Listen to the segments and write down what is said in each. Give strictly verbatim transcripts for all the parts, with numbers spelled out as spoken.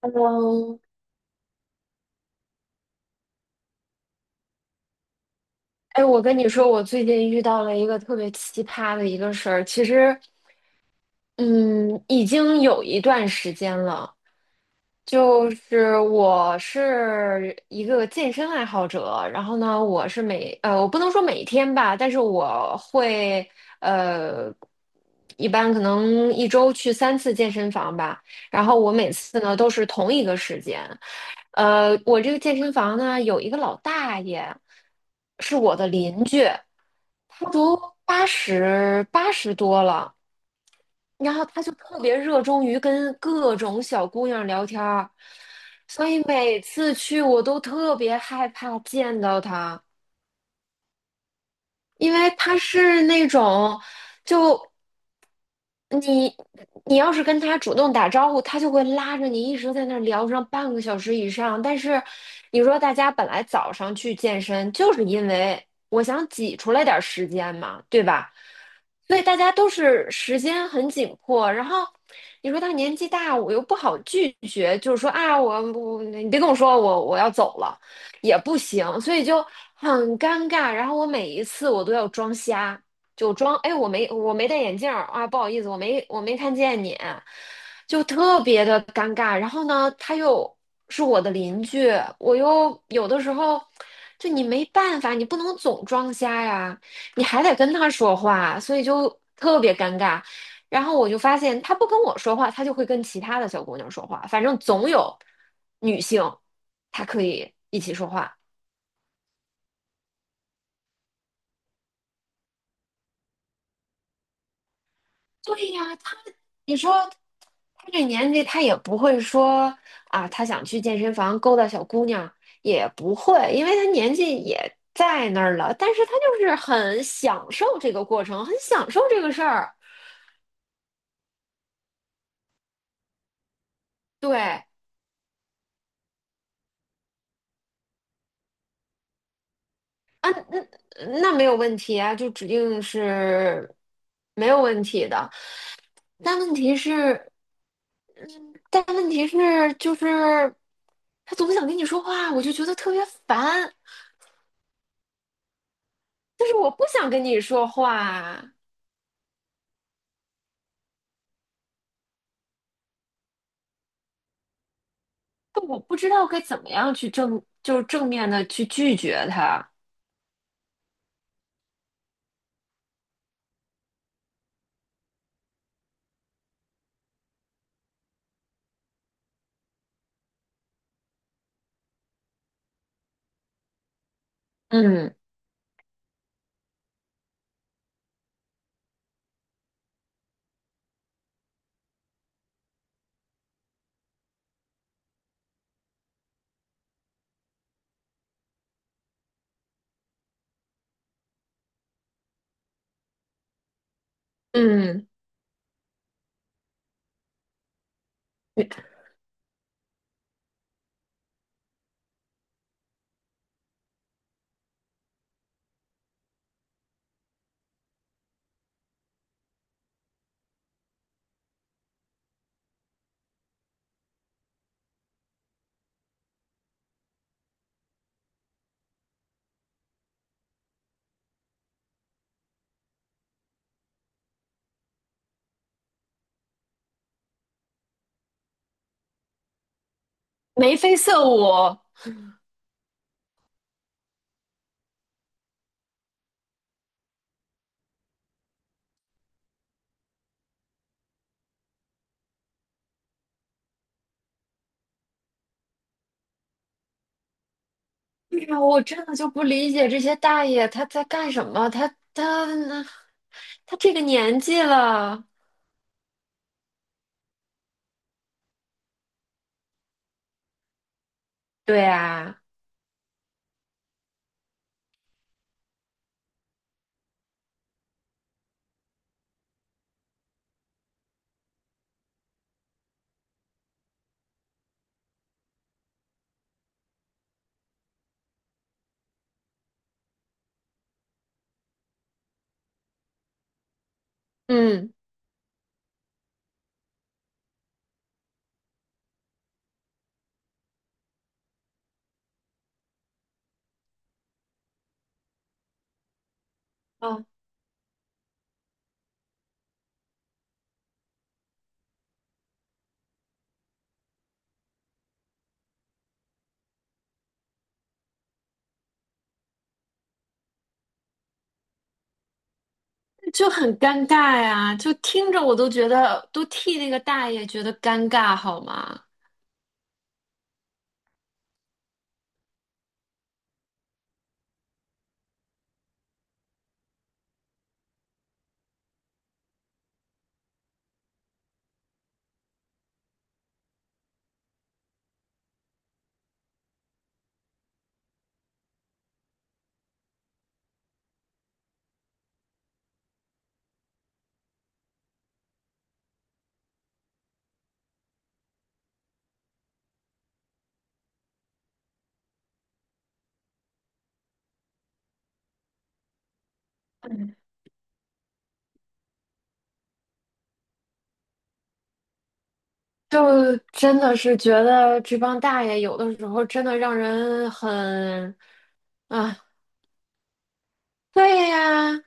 嗯，哎，我跟你说，我最近遇到了一个特别奇葩的一个事儿。其实，嗯，已经有一段时间了。就是我是一个健身爱好者，然后呢，我是每呃，我不能说每天吧，但是我会呃，一般可能一周去三次健身房吧，然后我每次呢都是同一个时间，呃，我这个健身房呢有一个老大爷，是我的邻居，他都八十八十多了。然后他就特别热衷于跟各种小姑娘聊天儿，所以每次去我都特别害怕见到他，因为他是那种就。你你要是跟他主动打招呼，他就会拉着你一直在那儿聊上半个小时以上。但是你说大家本来早上去健身，就是因为我想挤出来点儿时间嘛，对吧？所以大家都是时间很紧迫。然后你说他年纪大，我又不好拒绝，就是说啊，我我你别跟我说我我要走了，也不行，所以就很尴尬。然后我每一次我都要装瞎。就装，哎，我没我没戴眼镜儿啊，不好意思，我没我没看见你，就特别的尴尬。然后呢，他又是我的邻居，我又有的时候就你没办法，你不能总装瞎呀，你还得跟他说话，所以就特别尴尬。然后我就发现他不跟我说话，他就会跟其他的小姑娘说话，反正总有女性，她可以一起说话。对呀，他，你说他这年纪，他也不会说啊，他想去健身房勾搭小姑娘，也不会，因为他年纪也在那儿了。但是他就是很享受这个过程，很享受这个事儿。对，呃那没有问题啊，就指定是没有问题的。但问题是，嗯，但问题是，就是他总想跟你说话，我就觉得特别烦。但是我不想跟你说话。但我不知道该怎么样去正，就是正面的去拒绝他。嗯嗯，眉眉飞色舞。哎呀，我真的就不理解这些大爷他在干什么？他他他这个年纪了，对啊，嗯，哦，就很尴尬呀，就听着我都觉得都替那个大爷觉得尴尬，好吗？嗯，就真的是觉得这帮大爷有的时候真的让人很。啊，对呀，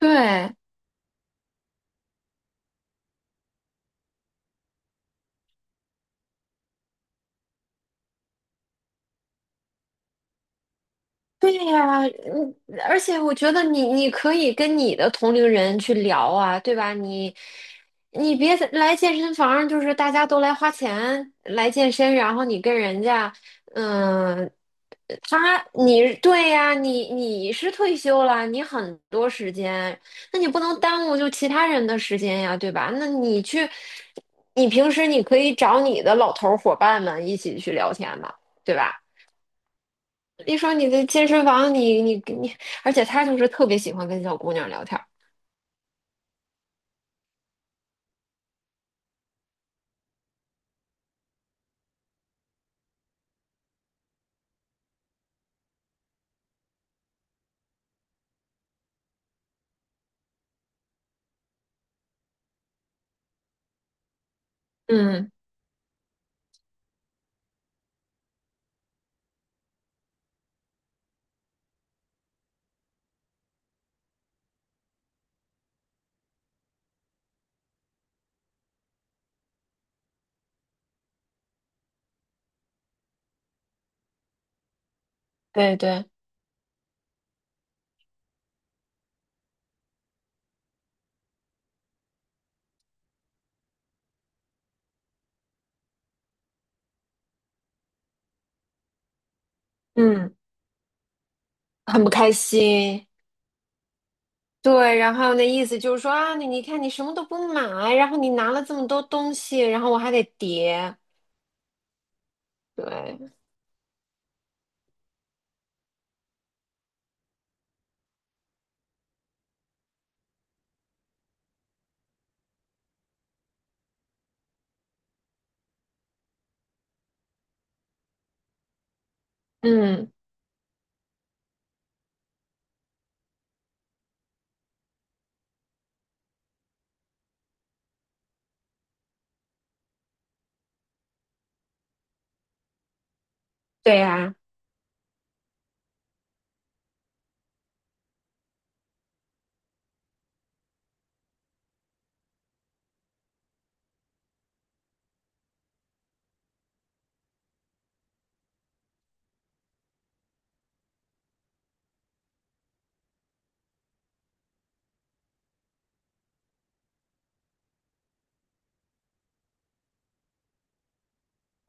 对对呀，嗯，而且我觉得你你可以跟你的同龄人去聊啊，对吧？你你别来健身房，就是大家都来花钱来健身，然后你跟人家，嗯，他你对呀，你你是退休了，你很多时间，那你不能耽误就其他人的时间呀，对吧？那你去，你平时你可以找你的老头儿伙伴们一起去聊天嘛，对吧？一说你的健身房，你你你，而且他就是特别喜欢跟小姑娘聊天儿。嗯，对对，嗯，很不开心。对，然后那意思就是说啊，你你看你什么都不买，然后你拿了这么多东西，然后我还得叠。对，嗯，对呀、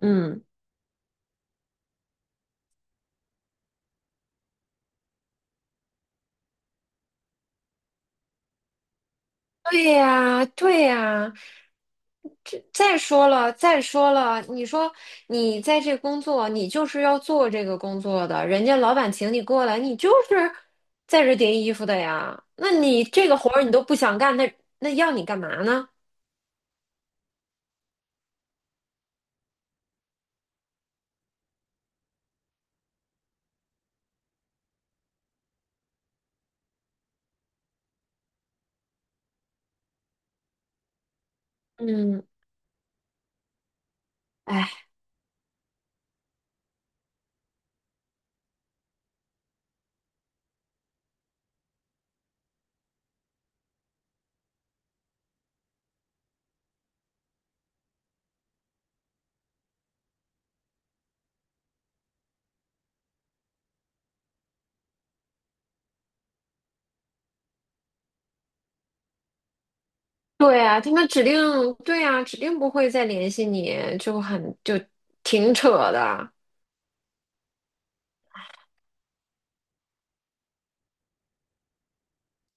嗯。对呀，对呀，这再说了，再说了，你说你在这工作，你就是要做这个工作的，人家老板请你过来，你就是在这叠衣服的呀。那你这个活儿你都不想干，那那要你干嘛呢？嗯，哎，对呀，他们指定，对呀，指定不会再联系你，就很，就挺扯的。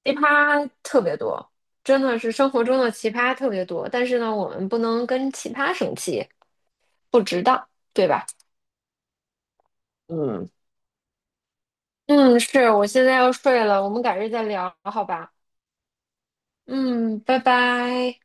奇葩特别多，真的是生活中的奇葩特别多。但是呢，我们不能跟奇葩生气，不值当，对吧？嗯，嗯，是，我现在要睡了，我们改日再聊，好吧？嗯，拜拜。